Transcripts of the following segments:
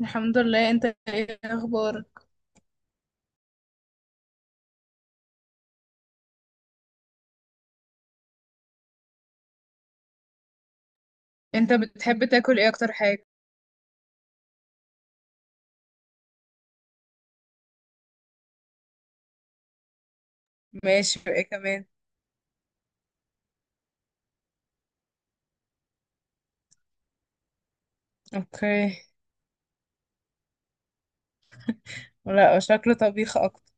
الحمد لله، انت ايه اخبارك؟ انت بتحب تاكل ايه اكتر حاجة؟ ماشي، ايه كمان؟ اوكي. لا، شكله طبيخ اكتر.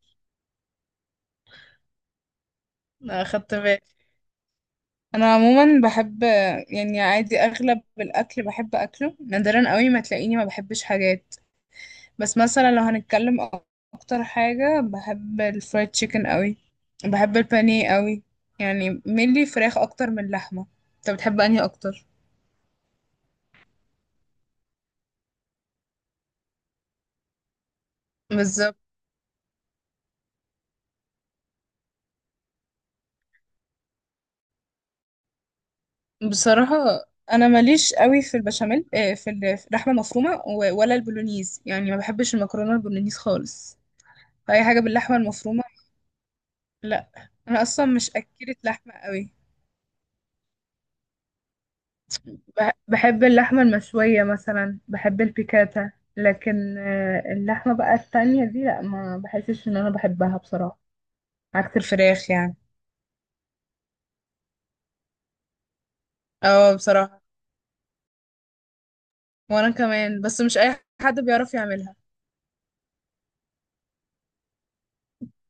انا اخدت بالي. انا عموما بحب، يعني عادي اغلب الاكل بحب اكله، نادرا قوي ما تلاقيني ما بحبش حاجات. بس مثلا لو هنتكلم، اكتر حاجة بحب الفرايد تشيكن قوي. بحب البانيه قوي. يعني ملي فراخ اكتر من لحمة. انت بتحب انهي اكتر؟ بالظبط. بصراحة، أنا ماليش قوي في البشاميل، في في اللحمة المفرومة ولا البولونيز، يعني ما بحبش المكرونة البولونيز خالص. فأي حاجة باللحمة المفرومة. لا، أنا أصلا مش أكلة لحمة قوي. بحب اللحمة المشوية، مثلا بحب البيكاتا، لكن اللحمة بقى التانية دي لا، ما بحسش إن أنا بحبها بصراحة. عكس الفراخ يعني. اه، بصراحة وأنا كمان، بس مش أي حد بيعرف يعملها.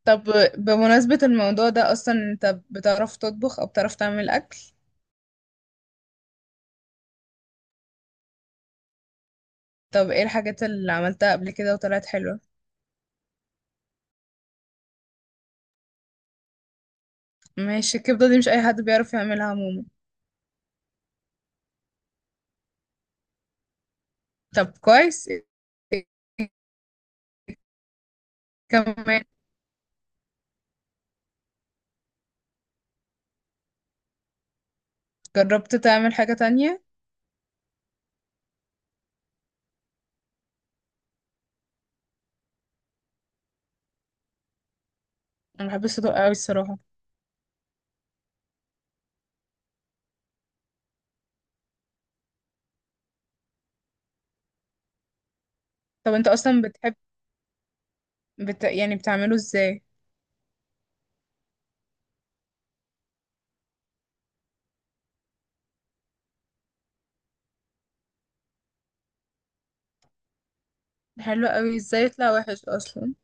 طب، بمناسبة الموضوع ده أصلا، أنت بتعرف تطبخ أو بتعرف تعمل أكل؟ طب إيه الحاجات اللي عملتها قبل كده وطلعت حلوة؟ ماشي، الكبدة دي مش أي حد بيعرف يعملها عموما. طب كويس. إيه كمان؟ جربت تعمل حاجة تانية؟ أنا بحب الصدق أوي الصراحة. طب أنت أصلا بتحب، يعني بتعمله إزاي؟ حلو أوي، إزاي يطلع وحش أصلا؟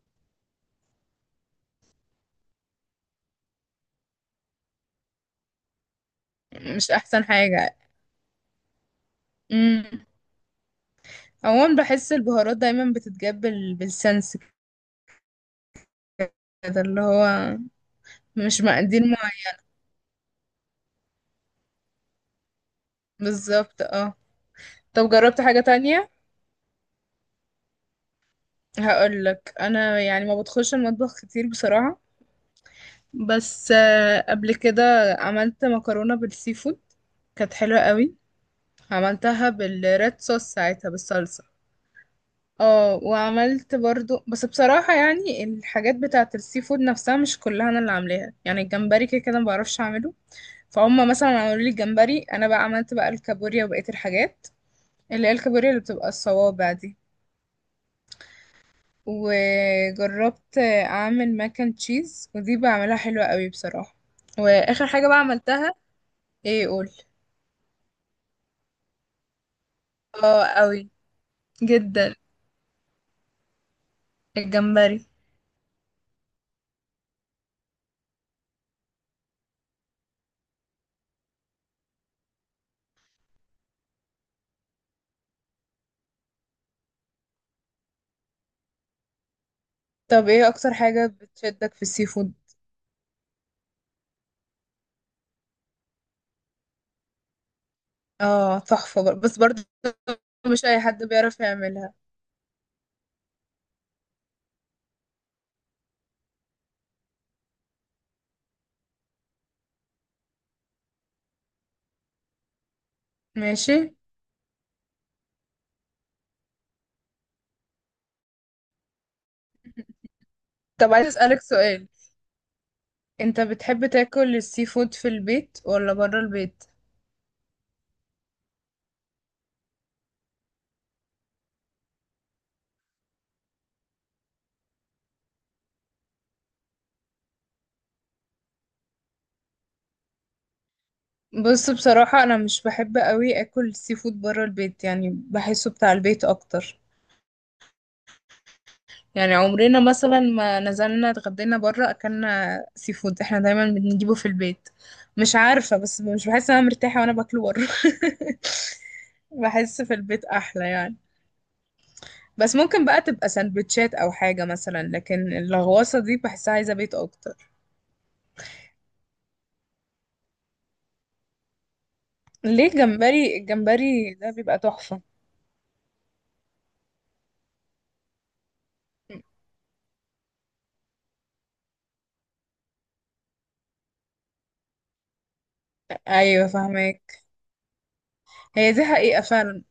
مش أحسن حاجة. امم عموما بحس البهارات دايما بتتجاب بالسنس، كده اللي هو مش مقادير. بالظبط، اه. طب جربت حاجة تانية؟ هقولك انا، يعني ما بدخلش المطبخ كتير بصراحة، بس قبل كده عملت مكرونة بالسي فود. كانت حلوة قوي. عملتها بالريد صوص ساعتها، بالصلصة. اه، وعملت برضو بس بصراحة، يعني الحاجات بتاعة السي فود نفسها مش كلها انا اللي عاملاها، يعني الجمبري كده كده ما بعرفش اعمله. فهم مثلا عملوا لي الجمبري، انا بقى عملت بقى الكابوريا وبقية الحاجات، اللي هي الكابوريا اللي بتبقى الصوابع دي. وجربت اعمل ماك اند تشيز، ودي بعملها حلوة قوي بصراحة. واخر حاجة بقى عملتها، ايه قول؟ اه، قوي جدا، الجمبري. طب ايه اكتر حاجة بتشدك في السي فود؟ اه تحفة، بس برضه مش اي حد بيعرف يعملها. ماشي. طب، عايز اسألك سؤال. انت بتحب تاكل السي فود في البيت ولا برا البيت؟ بص، بصراحة انا مش بحب قوي اكل السي فود برا البيت، يعني بحسه بتاع البيت اكتر. يعني عمرنا مثلا ما نزلنا اتغدينا بره اكلنا سي فود، احنا دايما بنجيبه في البيت. مش عارفة، بس مش بحس ان انا مرتاحة وانا باكله بره. بحس في البيت احلى يعني. بس ممكن بقى تبقى سندوتشات او حاجة مثلا، لكن الغواصة دي بحسها عايزة بيت اكتر. ليه؟ الجمبري، الجمبري ده بيبقى تحفة. ايوه فاهمك. هي دي حقيقة فعلا.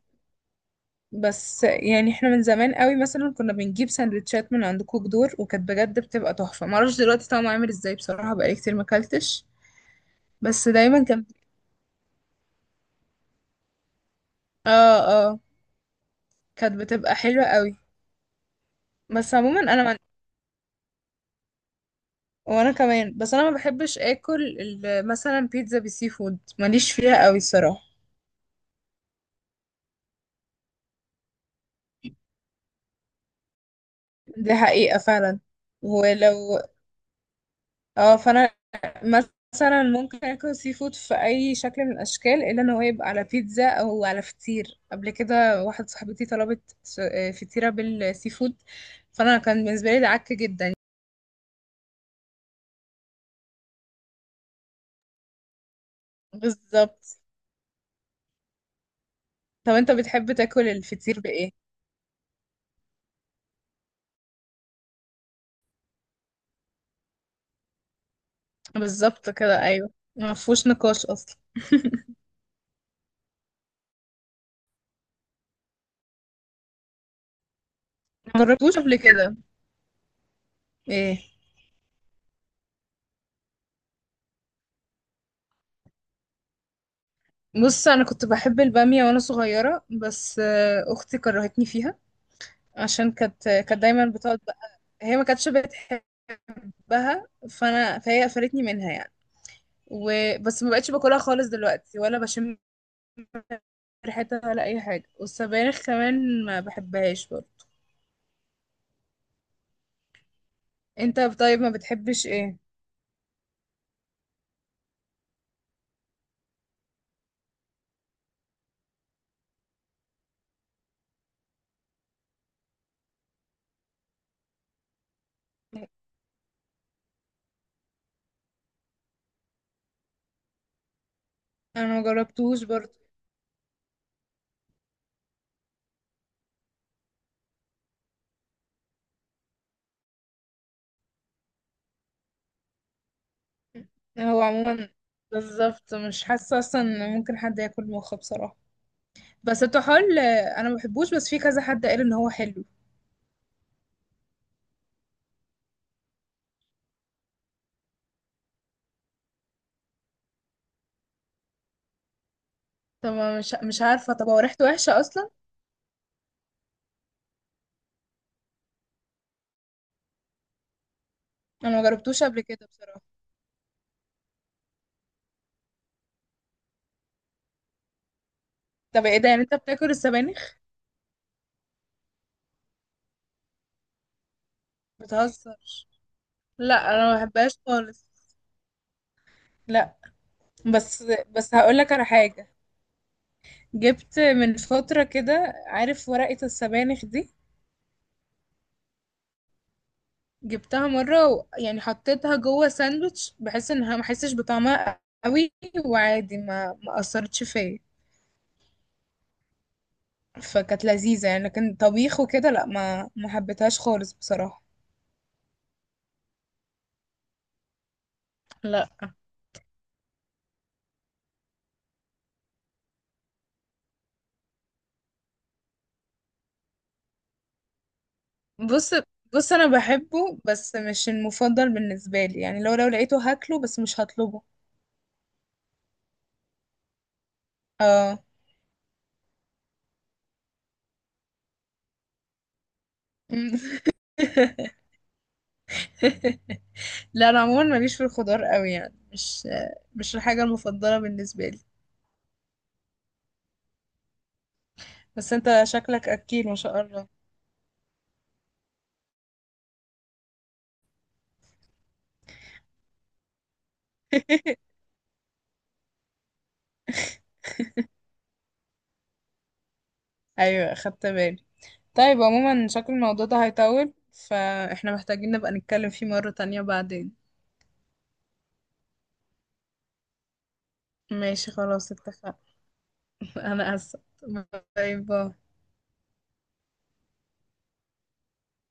بس يعني احنا من زمان قوي مثلا كنا بنجيب سندوتشات من عند كوك دور، وكانت بجد بتبقى تحفة، معرفش دلوقتي طعمه عامل ازاي بصراحة، بقالي كتير ماكلتش. بس دايما كانت، اه اه كانت بتبقى حلوة قوي. بس عموما انا وانا كمان، بس انا ما بحبش اكل مثلا بيتزا بالسي فود، ماليش فيها قوي الصراحة. دي حقيقة فعلا. ولو، اه، فانا مثلا ممكن اكل سي فود في اي شكل من الاشكال، الا ان هو يبقى على بيتزا او على فطير. قبل كده واحده صاحبتي طلبت فطيره بالسي فود، فانا كان بالنسبه لي ده عك جدا. بالظبط. طب انت بتحب تاكل الفطير بايه؟ بالظبط كده، ايوه. ما فيهوش نقاش اصلا. ما جربتوش قبل كده؟ ايه؟ بص انا كنت بحب الباميه وانا صغيره، بس اختي كرهتني فيها، عشان كانت دايما بتقعد بقى، هي ما كانتش بتحب بحبها، فانا فهي قفلتني منها يعني. وبس ما بقتش باكلها خالص دلوقتي، ولا بشم ريحتها ولا اي حاجه. والسبانخ كمان ما بحبهاش برضه. انت طيب، ما بتحبش ايه؟ انا ما جربتوش برضه. هو عموما بالظبط، مش حاسه اصلا ان ممكن حد ياكل مخ بصراحه. بس الطحال، انا ما بحبوش، بس في كذا حد قال ان هو حلو. طب أنا مش عارفه، طب هو ريحته وحشه اصلا؟ انا ما جربتوش قبل كده بصراحه. طب ايه ده، يعني انت بتاكل السبانخ؟ بتهزر؟ لا، انا ما بحبهاش خالص. لا. بس، بس هقول لك على حاجه. جبت من فتره كده، عارف ورقه السبانخ دي؟ جبتها مره يعني حطيتها جوه ساندوتش بحيث انها ما احسش بطعمها قوي، وعادي ما اثرتش فيا، فكانت لذيذه يعني. لكن طبيخ وكده لا، ما حبيتهاش خالص بصراحه. لا. بص. بص انا بحبه، بس مش المفضل بالنسبه لي، يعني لو لقيته هاكله بس مش هطلبه. اه. لا، انا عموما ماليش في الخضار قوي، يعني مش، مش الحاجه المفضله بالنسبه لي. بس انت شكلك اكيل ما شاء الله. ايوه خدت بالي. طيب، عموما شكل الموضوع ده هيطول، فاحنا محتاجين نبقى نتكلم فيه مره تانية بعدين. ماشي، خلاص اتفقنا. انا اسف. باي باي.